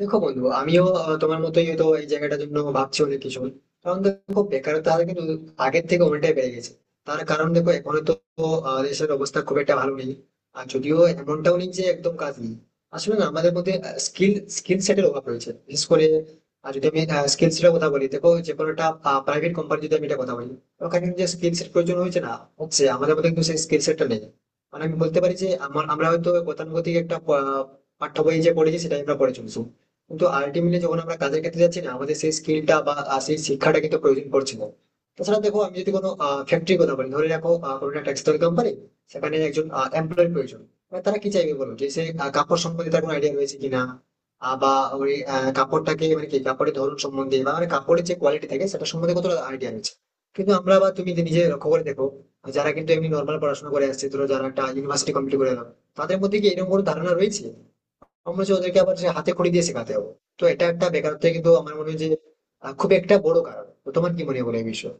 দেখো বন্ধু আমিও তোমার মতোই হয়তো এই জায়গাটার জন্য ভাবছি অনেক কিছু। কারণ দেখো, বেকারত্ব হার কিন্তু আগের থেকে অনেকটাই বেড়ে গেছে। তার কারণ দেখো, এখন তো দেশের অবস্থা খুব একটা ভালো নেই। আর যদিও এমনটাও নেই যে একদম কাজ নেই, আসলে না আমাদের মধ্যে স্কিল স্কিল সেটের অভাব রয়েছে বিশেষ করে। আর যদি আমি স্কিল সেটের কথা বলি, দেখো যে কোনো একটা প্রাইভেট কোম্পানি যদি আমি এটা কথা বলি, ওখানে কিন্তু যে স্কিল সেট প্রয়োজন হয়েছে না হচ্ছে, আমাদের মধ্যে কিন্তু সেই স্কিল সেটটা নেই। মানে আমি বলতে পারি যে আমরা হয়তো গতানুগতিক একটা পাঠ্য বই যে পড়েছি সেটাই আমরা পড়ে চলছি। কিন্তু আলটিমেটলি যখন আমরা কাজের ক্ষেত্রে যাচ্ছি না, আমাদের সেই স্কিলটা বা সেই শিক্ষাটা কিন্তু প্রয়োজন পড়ছে না। তাছাড়া দেখো, আমি যদি কোনো ফ্যাক্টরির কথা বলি, ধরে রাখো কোনো একটা টেক্সটাইল কোম্পানি, সেখানে একজন এমপ্লয়ের প্রয়োজন। এবার তারা কি চাইবে বলো? যে সে কাপড় সম্বন্ধে তার কোনো আইডিয়া রয়েছে কিনা, বা ওই কাপড়টাকে মানে কি কাপড়ের ধরন সম্বন্ধে বা মানে কাপড়ের যে কোয়ালিটি থাকে সেটা সম্বন্ধে কতটা আইডিয়া রয়েছে। কিন্তু আমরা বা তুমি যে নিজে লক্ষ্য করে দেখো, যারা কিন্তু এমনি নর্মাল পড়াশোনা করে আসছে, ধরো যারা একটা ইউনিভার্সিটি কমপ্লিট করে এলো, তাদের মধ্যে কি এরকম কোনো ধারণা রয়েছে? আমার মনে হচ্ছে ওদেরকে আবার যে হাতে খড়ি দিয়ে শেখাতে হবে। তো এটা একটা বেকারত্ব কিন্তু আমার মনে হয় যে খুব একটা বড় কারণ। তো তোমার কি মনে হয় বলো এই বিষয়ে?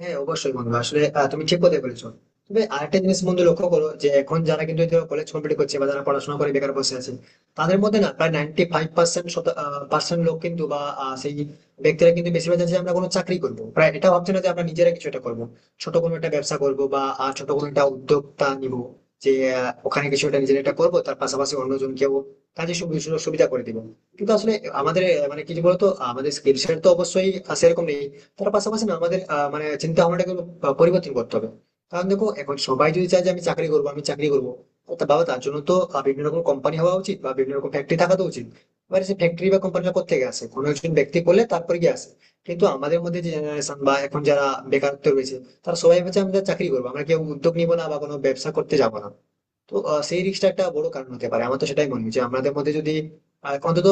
হ্যাঁ, অবশ্যই বন্ধু, আসলে তুমি ঠিক কথাই বলেছো। তবে আরেকটা জিনিস বন্ধু লক্ষ্য করো, যে এখন যারা কিন্তু কলেজ কমপ্লিট করছে বা যারা পড়াশোনা করে বেকার বসে আছে, তাদের মধ্যে না প্রায় নাইনটি ফাইভ পার্সেন্ট পার্সেন্ট লোক কিন্তু বা সেই ব্যক্তিরা কিন্তু বেশিরভাগ চাইছে যে আমরা কোনো চাকরি করবো, প্রায় এটা ভাবছে না যে আমরা নিজেরা কিছু একটা করবো, ছোট কোনো একটা ব্যবসা করবো বা ছোট কোনো একটা উদ্যোক্তা নিব, যে ওখানে কিছু একটা নিজের একটা করবো, তার পাশাপাশি অন্যজনকেও কাজে সুযোগ সুবিধা করে দিব। কিন্তু আসলে আমাদের মানে কি বলতো, আমাদের স্কিল সেট তো অবশ্যই সেরকম নেই। তার পাশাপাশি না আমাদের মানে চিন্তা ভাবনাটাকে একটু পরিবর্তন করতে হবে। কারণ দেখো, এখন সবাই যদি চায় যে আমি চাকরি করবো, আমি চাকরি করবো, তা বাবা তার জন্য তো বিভিন্ন রকম কোম্পানি হওয়া উচিত বা বিভিন্ন রকম ফ্যাক্টরি থাকা তো উচিত। এবার সেই ফ্যাক্টরি বা কোম্পানিটা কোথা থেকে আসে? কোনো একজন ব্যক্তি করলে তারপরে গিয়ে আসে। কিন্তু আমাদের মধ্যে যে জেনারেশন বা এখন যারা বেকারত্ব রয়েছে, তারা সবাই ভাবছে আমরা চাকরি করবো, আমরা কেউ উদ্যোগ নিবো না বা কোনো ব্যবসা করতে যাবো না। তো সেই রিস্কটা একটা বড় কারণ হতে পারে। আমার তো সেটাই মনে হয়, যে আমাদের মধ্যে যদি অন্তত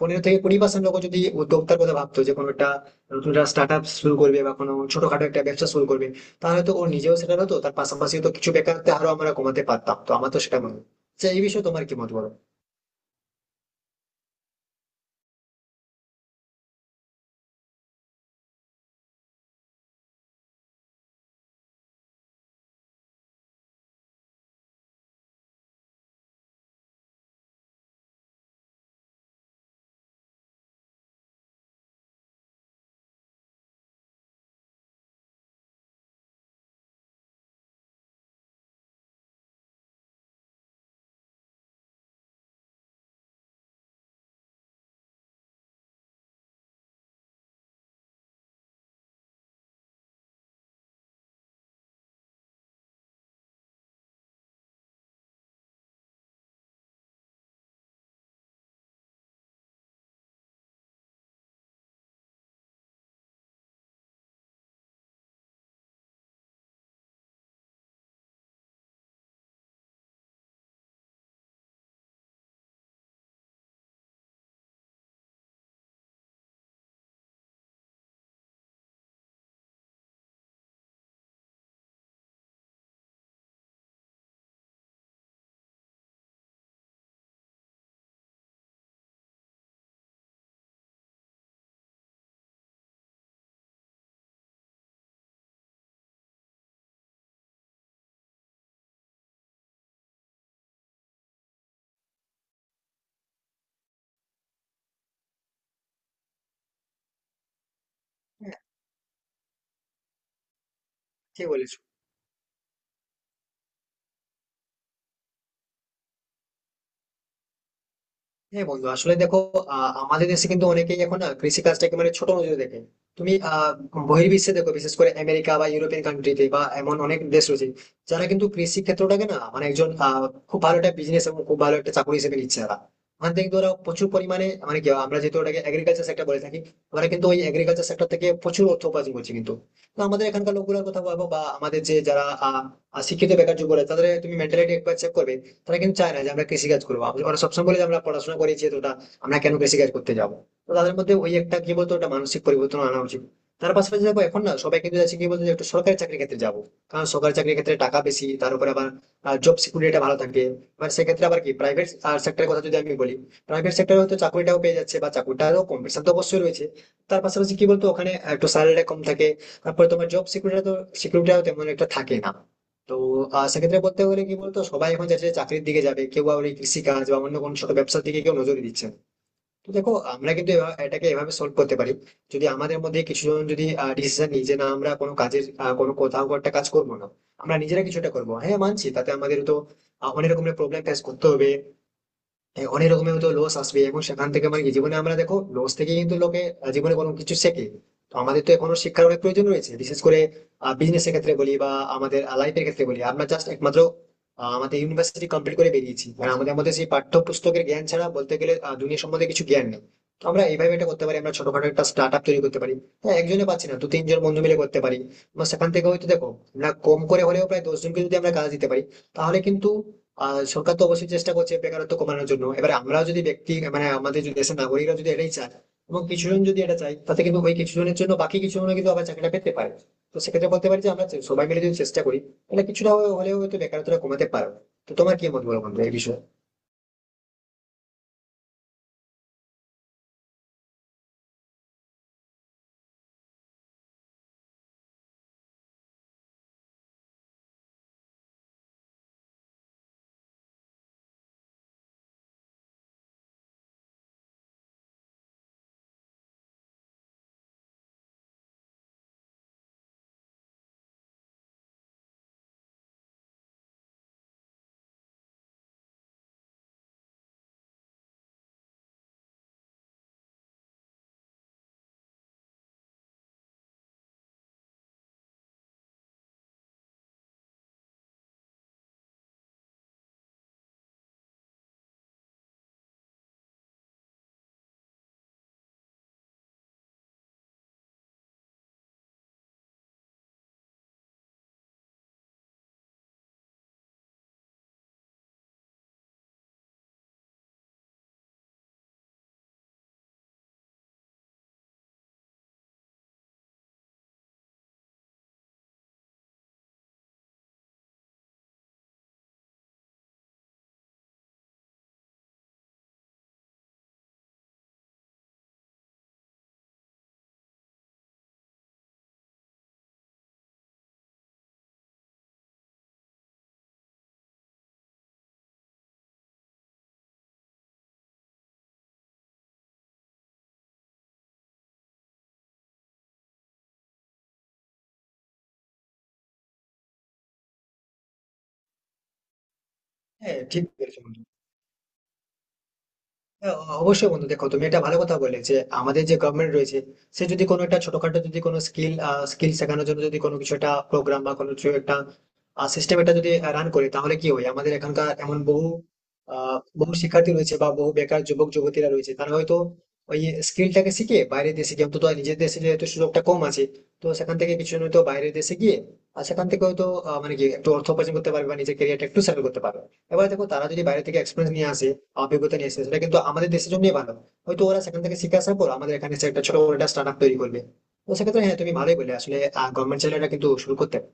15-20% লোক যদি উদ্যোক্তার কথা ভাবতো, যে কোনো একটা নতুন একটা স্টার্ট আপ শুরু করবে বা কোনো ছোটখাটো একটা ব্যবসা শুরু করবে, তাহলে তো ও নিজেও সেটা হতো, তার পাশাপাশি তো কিছু বেকারত্ব আরো আমরা কমাতে পারতাম। তো আমার তো সেটা মনে হয়। আচ্ছা, এই বিষয়ে তোমার কি মত বলো? হ্যাঁ, ঠিক বলেছো। হ্যাঁ বন্ধু, আসলে দেখো, আমাদের দেশে কিন্তু অনেকেই এখন না কৃষি কাজটাকে মানে ছোট নজরে দেখে। তুমি বহির্বিশ্বে দেখো, বিশেষ করে আমেরিকা বা ইউরোপিয়ান কান্ট্রিতে বা এমন অনেক দেশ রয়েছে, যারা কিন্তু কৃষি ক্ষেত্রটাকে না, মানে একজন খুব ভালো একটা বিজনেস এবং খুব ভালো একটা চাকরি হিসেবে নিচ্ছে তারা। ওখান থেকে কিন্তু ওরা প্রচুর পরিমাণে, মানে কি, আমরা যেহেতু ওটাকে এগ্রিকালচার সেক্টর বলে থাকি, ওরা কিন্তু ওই এগ্রিকালচার সেক্টর থেকে প্রচুর অর্থ উপার্জন করছে কিন্তু। তো আমাদের এখানকার লোকগুলোর কথা ভাবো, বা আমাদের যে যারা আহ আহ, শিক্ষিত বেকার যুবক রয়েছে, তাদের তুমি মেন্টালিটি একবার চেক করবে। তারা কিন্তু চায় না যে আমরা কৃষিকাজ করবো। ওরা সবসময় বলে যে আমরা পড়াশোনা করেছি এতটা, আমরা কেন কৃষিকাজ করতে যাবো? তো তাদের মধ্যে ওই একটা কি বলতো, একটা মানসিক পরিবর্তন আনা উচিত। তার পাশাপাশি দেখো, এখন না সবাই কিন্তু যাচ্ছে কি বলতো, যে একটু সরকারি চাকরির ক্ষেত্রে যাবো। কারণ সরকারি চাকরির ক্ষেত্রে টাকা বেশি, তার উপরে আবার জব সিকিউরিটিটা ভালো থাকবে। এবার সেক্ষেত্রে আবার কি, প্রাইভেট সেক্টরের কথা যদি আমি বলি, প্রাইভেট সেক্টরে হয়তো চাকরিটাও পেয়ে যাচ্ছে বা চাকরিটারও কম্পিটিশন তো অবশ্যই রয়েছে। তার পাশাপাশি কি বলতো, ওখানে একটু স্যালারিটা কম থাকে। তারপরে তোমার জব সিকিউরিটিটাও তেমন একটা থাকে না। তো সেক্ষেত্রে বলতে গেলে কি বলতো, সবাই এখন যাচ্ছে চাকরির দিকে, যাবে কেউ আবার এই কৃষিকাজ বা অন্য কোনো ছোট ব্যবসার দিকে কেউ নজর দিচ্ছে না। তো দেখো, আমরা কিন্তু এটাকে এভাবে সলভ করতে পারি। যদি আমাদের মধ্যে কিছুজন যদি ডিসিশন নিই যে না, আমরা কোনো কাজের কোনো কোথাও একটা কাজ করবো না, আমরা নিজেরা কিছুটা করবো। হ্যাঁ, মানছি তাতে আমাদের তো অনেক রকমের প্রবলেম ফেস করতে হবে, হ্যাঁ অনেক রকমের তো লস আসবে। এবং সেখান থেকে মানে কি, জীবনে আমরা দেখো লস থেকে কিন্তু লোকে জীবনে কোনো কিছু শেখে। তো আমাদের তো এখনো শিক্ষার অনেক প্রয়োজন রয়েছে, বিশেষ করে বিজনেস এর ক্ষেত্রে বলি বা আমাদের লাইফের ক্ষেত্রে বলি, আমরা জাস্ট একমাত্র আমাদের ইউনিভার্সিটি কমপ্লিট করে বেরিয়েছি, মানে আমাদের মধ্যে সেই পাঠ্যপুস্তকের জ্ঞান ছাড়া বলতে গেলে দুনিয়া সম্বন্ধে কিছু জ্ঞান নেই। তো আমরা এইভাবে এটা করতে পারি, আমরা ছোটখাটো একটা স্টার্ট আপ তৈরি করতে পারি। হ্যাঁ, একজনে পাচ্ছি না, দু তিনজন বন্ধু মিলে করতে পারি। এবং সেখান থেকে হয়তো দেখো না, কম করে হলেও প্রায় 10 জনকে যদি আমরা কাজ দিতে পারি, তাহলে কিন্তু সরকার তো অবশ্যই চেষ্টা করছে বেকারত্ব কমানোর জন্য। এবার আমরাও যদি ব্যক্তি, মানে আমাদের যদি দেশের নাগরিকরা যদি এটাই চায়, এবং কিছু জন যদি এটা চায়, তাতে কিন্তু ওই কিছু জনের জন্য বাকি কিছু জন কিন্তু আবার চাকরিটা পেতে পারে। তো সেক্ষেত্রে বলতে পারি যে আমরা সবাই মিলে যদি চেষ্টা করি, তাহলে কিছুটা হলেও হয়তো বেকারত্বটা কমাতে পারবো। তো তোমার কি মত বলো বন্ধু এই বিষয়ে? হ্যাঁ, ঠিক বলেছো বন্ধু। হ্যাঁ, অবশ্যই বন্ধু, দেখো তুমি একটা ভালো কথা বলে, যে আমাদের যে গভর্নমেন্ট রয়েছে, সে যদি কোনো একটা ছোটখাটো, যদি কোনো স্কিল স্কিল শেখানোর জন্য যদি কোনো কিছু একটা প্রোগ্রাম বা কোনো কিছু একটা সিস্টেম, এটা যদি রান করে, তাহলে কি হয়, আমাদের এখানকার এমন বহু বহু শিক্ষার্থী রয়েছে বা বহু বেকার যুবক যুবতীরা রয়েছে, তারা হয়তো ওই স্কিলটাকে শিখে বাইরের দেশে গিয়ে, অন্তত নিজের দেশে যেহেতু সুযোগটা কম আছে, তো সেখান থেকে কিছু জন হয়তো বাইরের দেশে গিয়ে, আর সেখান থেকে হয়তো মানে কি, একটু অর্থ উপার্জন করতে পারবে বা নিজের ক্যারিয়ারটা একটু সেটেল করতে পারবে। এবার দেখো, তারা যদি বাইরে থেকে এক্সপিরিয়েন্স নিয়ে আসে, অভিজ্ঞতা নিয়ে এসেছে, সেটা কিন্তু আমাদের দেশের জন্যই ভালো। হয়তো ওরা সেখান থেকে শিখে আসার পর আমাদের এখানে এসে একটা ছোট বড় একটা স্টার্ট আপ তৈরি করবে। তো সেক্ষেত্রে হ্যাঁ, তুমি ভালোই বলে আসলে, গভর্নমেন্ট চাইলে এটা কিন্তু শুরু করতে পারে।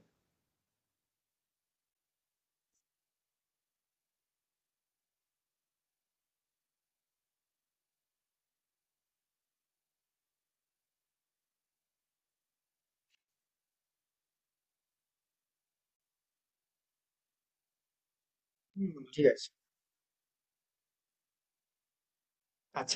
হুম, ঠিক আছে। আচ্ছা।